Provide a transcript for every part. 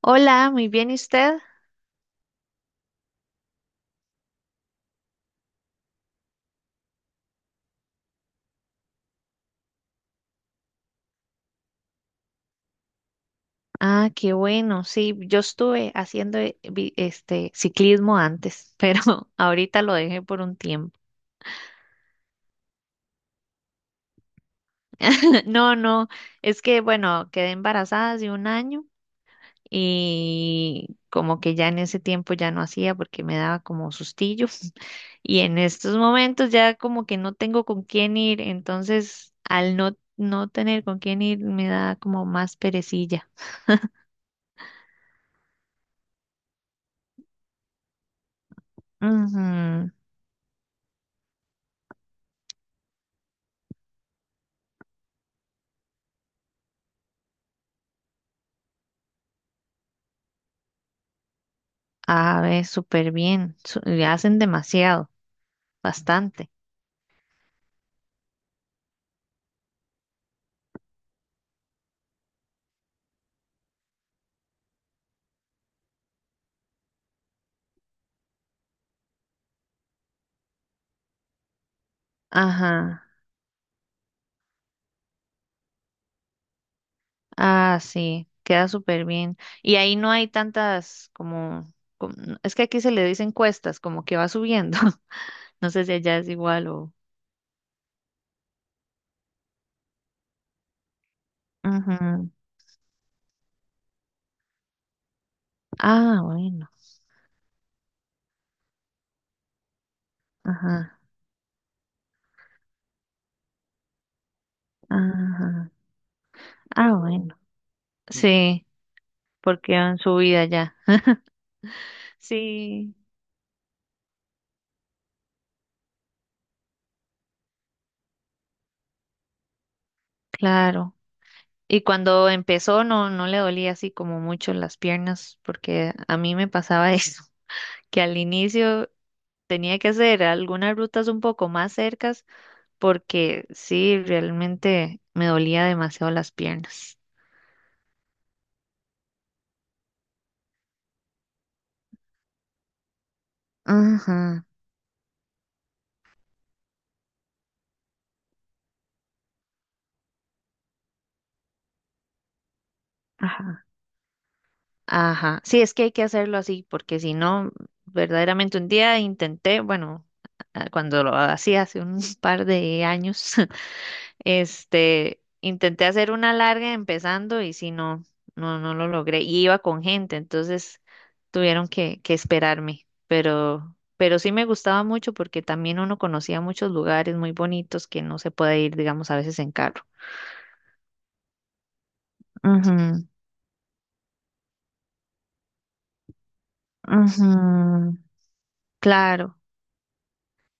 Hola, muy bien, ¿y usted? Ah, qué bueno. Sí, yo estuve haciendo este ciclismo antes, pero ahorita lo dejé por un tiempo. No, no, es que bueno, quedé embarazada hace un año y como que ya en ese tiempo ya no hacía porque me daba como sustillo y en estos momentos ya como que no tengo con quién ir, entonces al no tener con quién ir me da como más perecilla. Ujú. A ver, súper bien. Le hacen demasiado, bastante. Ajá. Ah, sí, queda súper bien. Y ahí no hay tantas como- es que aquí se le dicen cuestas, como que va subiendo. No sé si allá es igual o. Ajá. Ah, bueno. Ajá. Ajá. Ah, bueno. Sí, porque en su ya. Sí, claro. Y cuando empezó no le dolía así como mucho las piernas, porque a mí me pasaba eso. Que al inicio tenía que hacer algunas rutas un poco más cercas porque sí, realmente me dolía demasiado las piernas. Ajá, ajá, ajá. Sí, es que hay que hacerlo así porque si no, verdaderamente un día intenté, bueno, cuando lo hacía hace un par de años, este, intenté hacer una larga empezando y si no, no lo logré. Y iba con gente, entonces tuvieron que esperarme. Pero sí me gustaba mucho porque también uno conocía muchos lugares muy bonitos que no se puede ir, digamos, a veces en carro. Ujú, ujú, claro.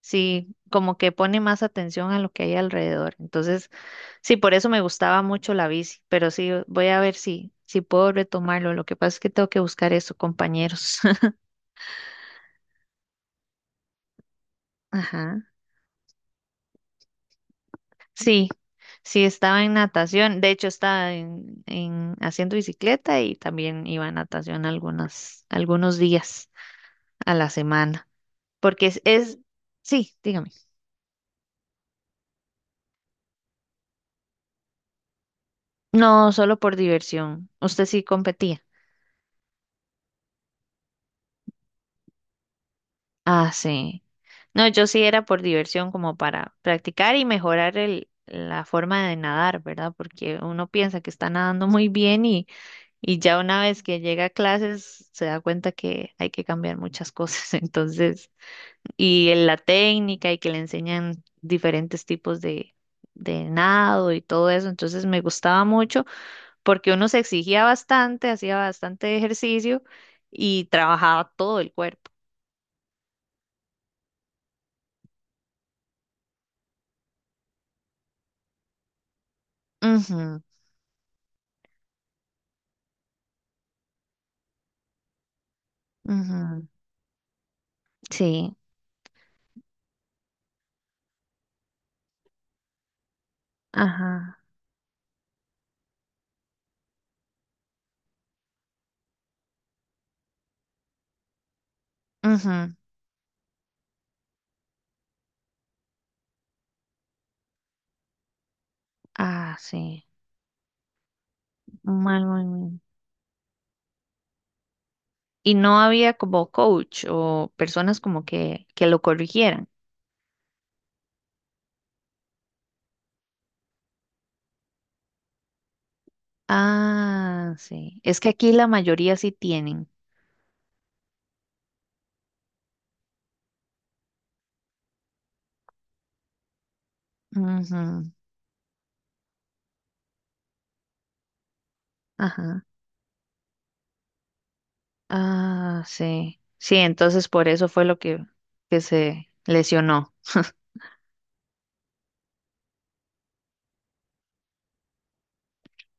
Sí, como que pone más atención a lo que hay alrededor. Entonces, sí, por eso me gustaba mucho la bici, pero sí, voy a ver si puedo retomarlo. Lo que pasa es que tengo que buscar eso, compañeros. Ajá. Sí, sí, estaba en natación. De hecho, estaba en haciendo bicicleta y también iba a natación algunos días a la semana. Porque sí, dígame. No, solo por diversión. Usted sí competía. Ah, sí. No, yo sí era por diversión, como para practicar y mejorar la forma de nadar, ¿verdad? Porque uno piensa que está nadando muy bien y ya una vez que llega a clases se da cuenta que hay que cambiar muchas cosas. Entonces, y en la técnica y que le enseñan diferentes tipos de nado y todo eso. Entonces me gustaba mucho porque uno se exigía bastante, hacía bastante ejercicio y trabajaba todo el cuerpo. Ujú, ujú. Sí, ajá, ujú. Ah, sí. Un mal movimiento. Y no había como coach o personas como que lo corrigieran. Ah, sí. Es que aquí la mayoría sí tienen. Ujú, ajá. Ah, sí. Sí, entonces por eso fue lo que se lesionó.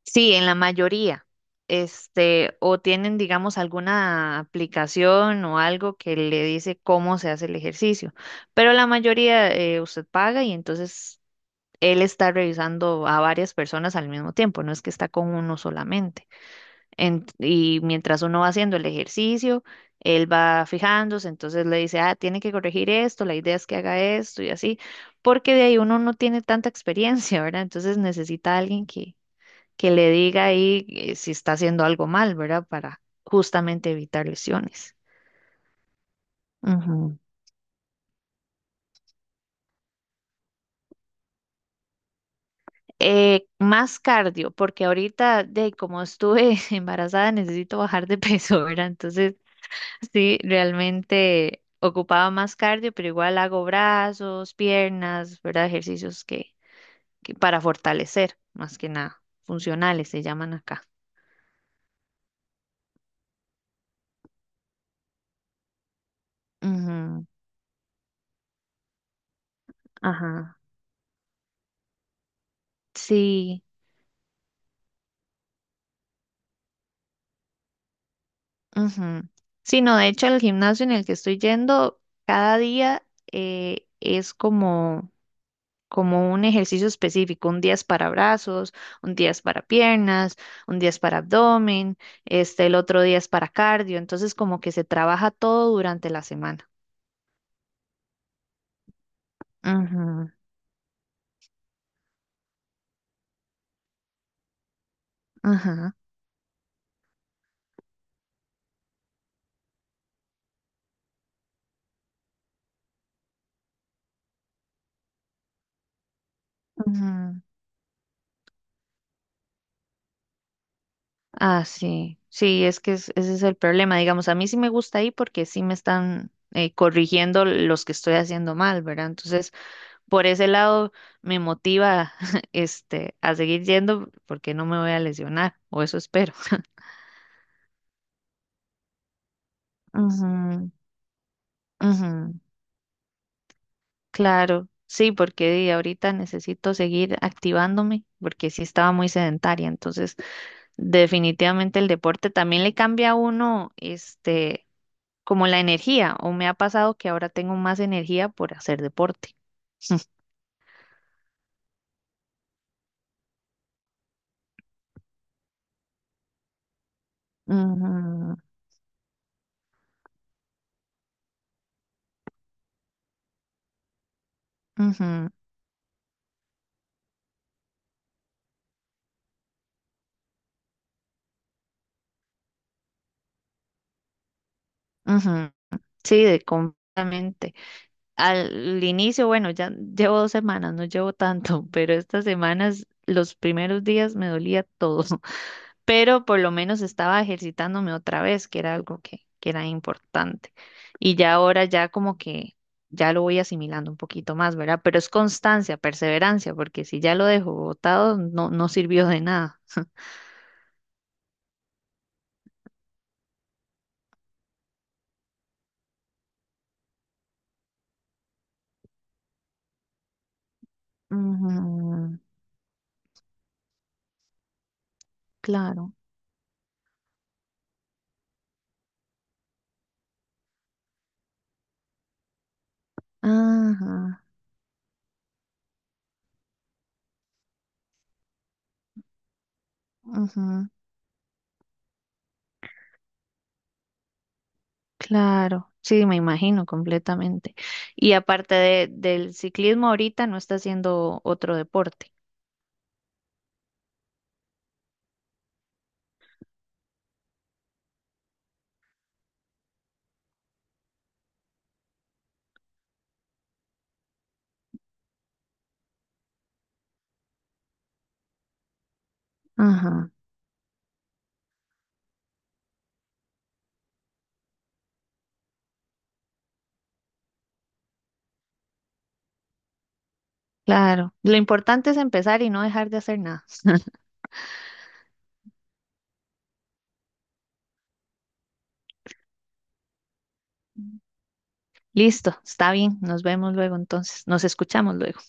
Sí, en la mayoría. Este, o tienen, digamos, alguna aplicación o algo que le dice cómo se hace el ejercicio. Pero la mayoría usted paga y entonces él está revisando a varias personas al mismo tiempo, no es que está con uno solamente. Y mientras uno va haciendo el ejercicio, él va fijándose, entonces le dice, ah, tiene que corregir esto, la idea es que haga esto y así, porque de ahí uno no tiene tanta experiencia, ¿verdad? Entonces necesita a alguien que le diga ahí si está haciendo algo mal, ¿verdad? Para justamente evitar lesiones. Ujú. Más cardio, porque ahorita, de como estuve embarazada, necesito bajar de peso, ¿verdad? Entonces, sí, realmente ocupaba más cardio, pero igual hago brazos, piernas, ¿verdad? Ejercicios que para fortalecer, más que nada, funcionales se llaman acá. Ujú. Ajá. Sí. Ujú. Sí, no, de hecho el gimnasio en el que estoy yendo cada día es como un ejercicio específico. Un día es para brazos, un día es para piernas, un día es para abdomen, este, el otro día es para cardio. Entonces como que se trabaja todo durante la semana. Ujú, ajá, ujú. Ah, sí, sí, es que ese es el problema. Digamos, a mí sí me gusta ahí porque sí me están corrigiendo los que estoy haciendo mal, ¿verdad? Entonces... por ese lado me motiva este a seguir yendo porque no me voy a lesionar, o eso espero. Ujú, ujú, claro, sí, porque di, ahorita necesito seguir activándome porque sí estaba muy sedentaria, entonces definitivamente el deporte también le cambia a uno este como la energía, o me ha pasado que ahora tengo más energía por hacer deporte. Ujú, ujú, ujú. Sí, de completamente. Al inicio, bueno, ya llevo dos semanas, no llevo tanto, pero estas semanas, los primeros días me dolía todo, pero por lo menos estaba ejercitándome otra vez, que era algo que era importante. Y ya ahora ya como que ya lo voy asimilando un poquito más, ¿verdad? Pero es constancia, perseverancia, porque si ya lo dejo botado, no, no sirvió de nada. Ujú, claro. Ajá, ujú. Claro, sí, me imagino completamente. Y aparte del ciclismo, ahorita no está haciendo otro deporte. Ajá, claro. Lo importante es empezar y no dejar de hacer nada. Listo, está bien. Nos vemos luego entonces. Nos escuchamos luego.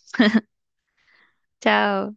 Chao.